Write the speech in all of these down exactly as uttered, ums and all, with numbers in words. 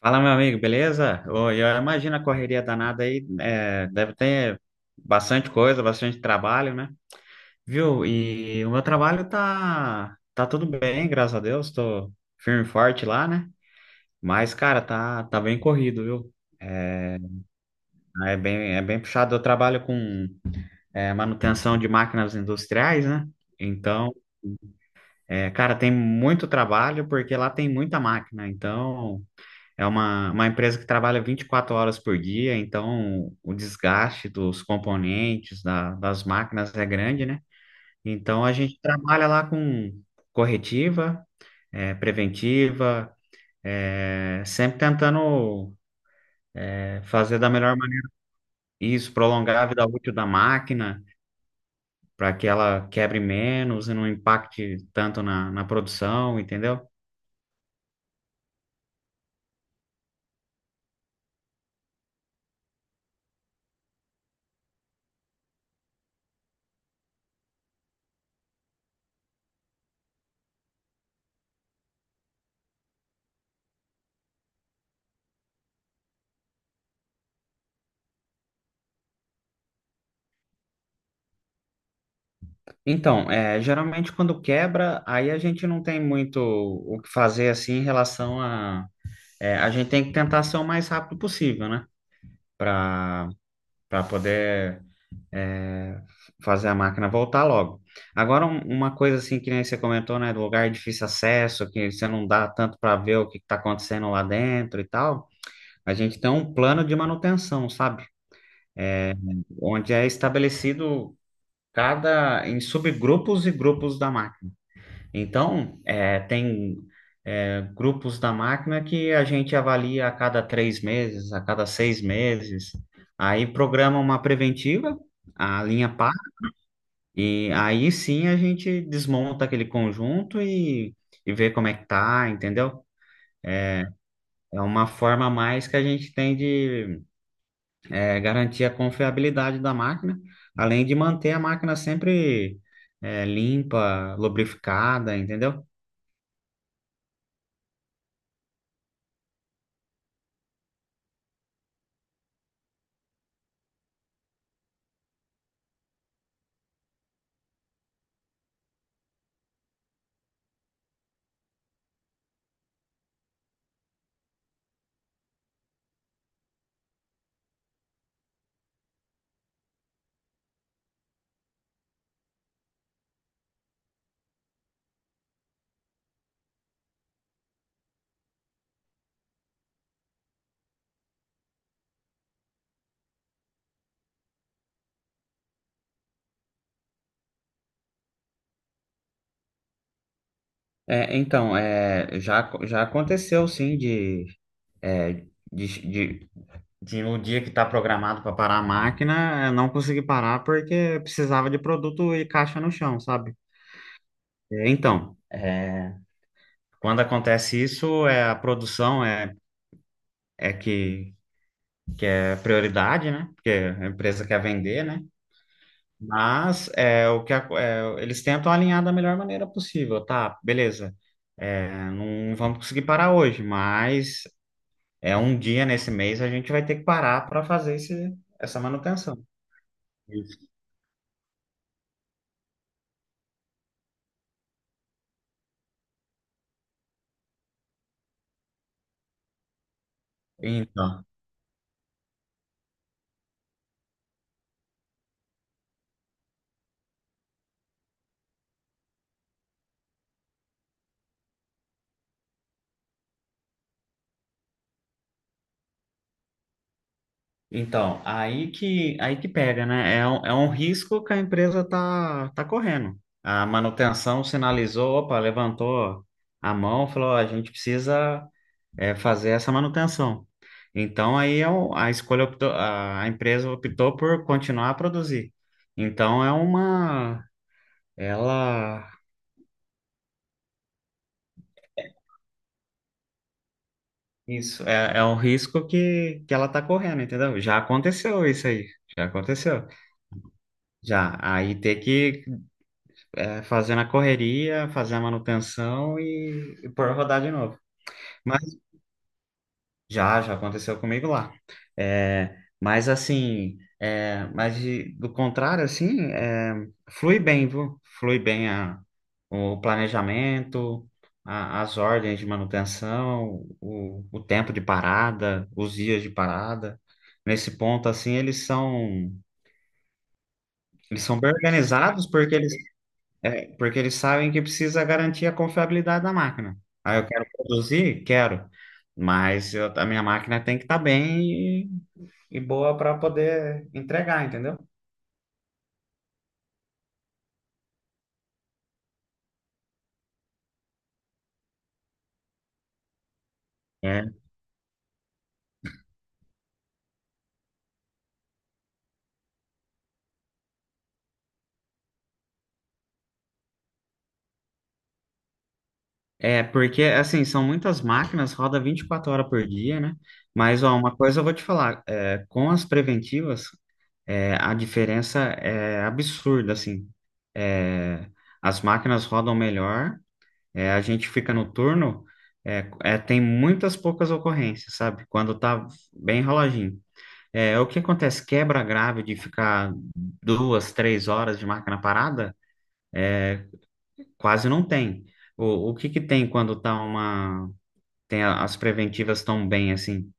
Fala, meu amigo, beleza? Ô, Eu imagino a correria danada aí, é, deve ter bastante coisa, bastante trabalho, né? Viu? E o meu trabalho tá, tá tudo bem, graças a Deus, tô firme e forte lá, né? Mas, cara, tá, tá bem corrido, viu? É bem, é bem puxado. Eu trabalho com, é, manutenção de máquinas industriais, né? Então, é, cara, tem muito trabalho porque lá tem muita máquina, então. É uma, uma empresa que trabalha vinte e quatro horas por dia, então o desgaste dos componentes, da- das máquinas é grande, né? Então a gente trabalha lá com corretiva, eh, preventiva, eh, sempre tentando eh, fazer da melhor maneira isso, prolongar a vida útil da máquina para que ela quebre menos e não impacte tanto na, na produção, entendeu? Então, é, geralmente quando quebra, aí a gente não tem muito o que fazer assim em relação. É, a gente tem que tentar ser o mais rápido possível, né? Para para poder é, fazer a máquina voltar logo. Agora, um- uma coisa assim que nem você comentou, né? Do lugar de difícil acesso, que você não dá tanto para ver o que está acontecendo lá dentro e tal. A gente tem um plano de manutenção, sabe? É, onde é estabelecido cada em subgrupos e grupos da máquina. Então, é, tem é, grupos da máquina que a gente avalia a cada três meses, a cada seis meses. Aí programa uma preventiva, a linha P A R, e aí sim a gente desmonta aquele conjunto e, e vê como é que tá, entendeu? É uma forma a mais que a gente tem de é, garantir a confiabilidade da máquina, além de manter a máquina sempre é, limpa, lubrificada, entendeu? É, então, é, já, já aconteceu sim de, é, de, de, de no dia que está programado para parar a máquina, eu não consegui parar porque precisava de produto e caixa no chão, sabe? É, então, é, quando acontece isso, é, a produção é, é que é prioridade, né? Porque a empresa quer vender, né? Mas é, o que a- é, eles tentam alinhar da melhor maneira possível, tá? Beleza. É, não vamos conseguir parar hoje, mas É um dia nesse mês a gente vai ter que parar para fazer esse, essa manutenção. Isso. Então, então aí que aí que pega, né? É um, é um risco que a empresa tá, tá correndo. A manutenção sinalizou, opa, levantou a mão, falou, ó, a gente precisa é, fazer essa manutenção. Então aí é o- a escolha optou, a, a empresa optou por continuar a produzir. Então é uma ela. Isso é, é um risco que, que ela tá correndo, entendeu? Já aconteceu isso aí. Já aconteceu. Já. Aí ter que é, fazer na correria, fazer a manutenção e, e pôr rodar de novo. Já, já aconteceu comigo lá. É, mas assim, é, mas de- do contrário, assim, é, flui bem, viu? Flui bem a, o planejamento, a- as ordens de manutenção, o, o tempo de parada, os dias de parada. Nesse ponto, assim, eles são, eles são bem organizados porque eles, é, porque eles sabem que precisa garantir a confiabilidade da máquina. Aí eu quero produzir? Quero. Mas eu- a minha máquina tem que estar bem e boa para poder entregar, entendeu? É, é, porque assim, são muitas máquinas, roda vinte e quatro horas por dia, né? Mas ó, uma coisa eu vou te falar, é, com as preventivas, é, a diferença é absurda, assim. É, as máquinas rodam melhor, é, a gente fica no turno, é, é, tem muitas poucas ocorrências, sabe? Quando tá bem enroladinho. É, o que acontece? Quebra grave de ficar duas, três horas de máquina parada, Quase não tem. O, o que que tem quando tá uma, tem a- as preventivas tão bem assim,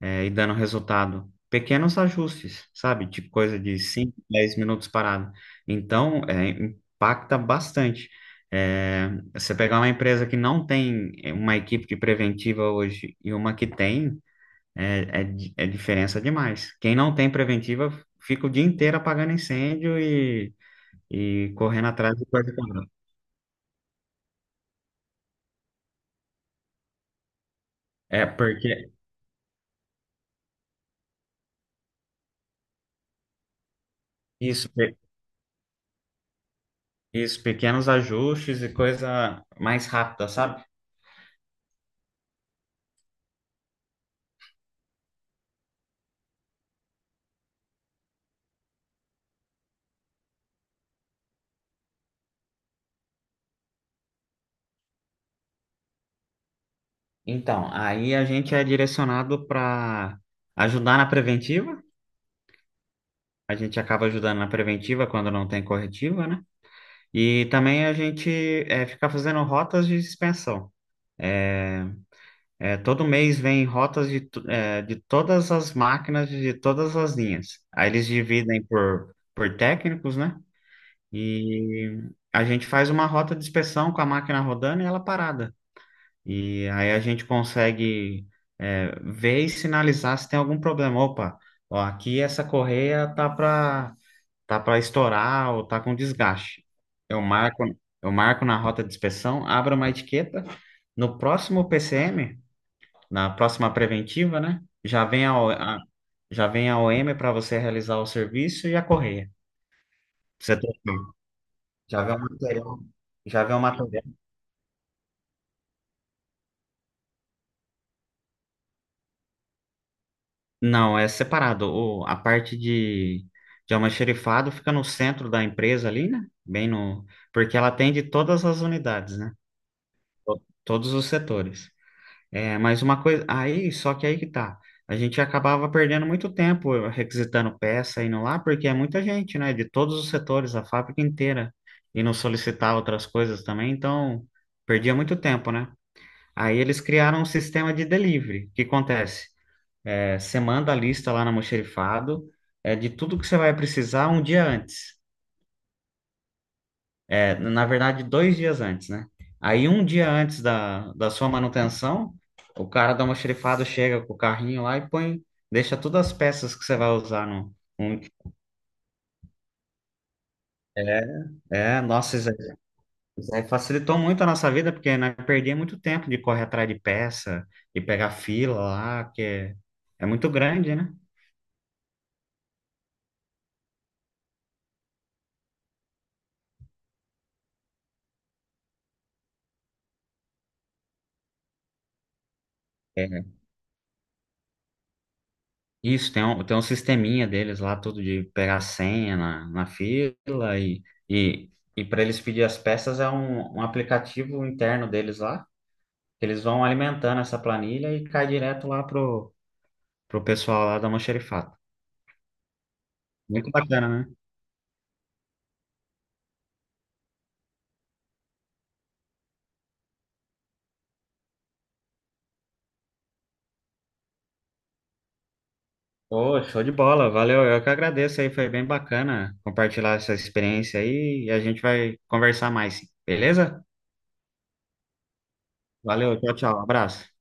é, e dando resultado? Pequenos ajustes, sabe? Tipo coisa de cinco dez minutos parado. Então, é, impacta bastante. É, você pegar uma empresa que não tem uma equipe de preventiva hoje e uma que tem, é, é, di- é diferença demais. Quem não tem preventiva fica o dia inteiro apagando incêndio e, e correndo atrás de coisa. Que não. É, porque isso. Isso, pequenos ajustes e coisa mais rápida, sabe? Então, aí a gente é direcionado para ajudar na preventiva. A gente acaba ajudando na preventiva quando não tem corretiva, né? E também a gente é, fica fazendo rotas de suspensão. É, é, todo mês vem rotas de, tu- é, de todas as máquinas, de todas as linhas. Aí eles dividem por, por técnicos, né? E a gente faz uma rota de inspeção com a máquina rodando e ela parada. E aí a gente consegue é, ver e sinalizar se tem algum problema. Opa, ó, aqui essa correia tá para tá para estourar ou tá com desgaste. Eu marco, eu marco na rota de inspeção, abro uma etiqueta. No próximo P C M, na próxima preventiva, né? Já vem a, O- a- já vem a O M para você realizar o serviço e a correia. Pra Você ter- Já vem o material, já vem o material Não, é separado. O, a parte de, de almoxarifado fica no centro da empresa ali, né? Bem no, porque ela atende todas as unidades, né? To- Todos os setores. É, mas uma coisa, aí, só que aí que tá. A gente acabava perdendo muito tempo requisitando peça, indo lá, porque é muita gente, né? De todos os setores, a fábrica inteira. E não solicitar outras coisas também, então perdia muito tempo, né? Aí eles criaram um sistema de delivery. O que acontece? É, você manda a lista lá na Mocherifado, é, de tudo que você vai precisar um dia antes. É, na verdade, dois dias antes, né? Aí, um dia antes da, da sua manutenção, o cara da Mocherifado chega com o carrinho lá e põe, deixa todas as peças que você vai usar no. no- É, é, nossa, isso aí isso aí facilitou muito a nossa vida, porque nós perdíamos muito tempo de correr atrás de peça, de pegar fila lá, que é, é muito grande, né? É, isso, tem um, tem um sisteminha deles lá, tudo de pegar a senha na, na fila e, e, e para eles pedir as peças é um, um aplicativo interno deles lá, que eles vão alimentando essa planilha e cai direto lá pro, pro pessoal lá da Almoxarifado. Muito bacana, né? Pô, show de bola, valeu, eu que agradeço aí, foi bem bacana compartilhar essa experiência aí e a gente vai conversar mais, beleza? Valeu, tchau, tchau, abraço.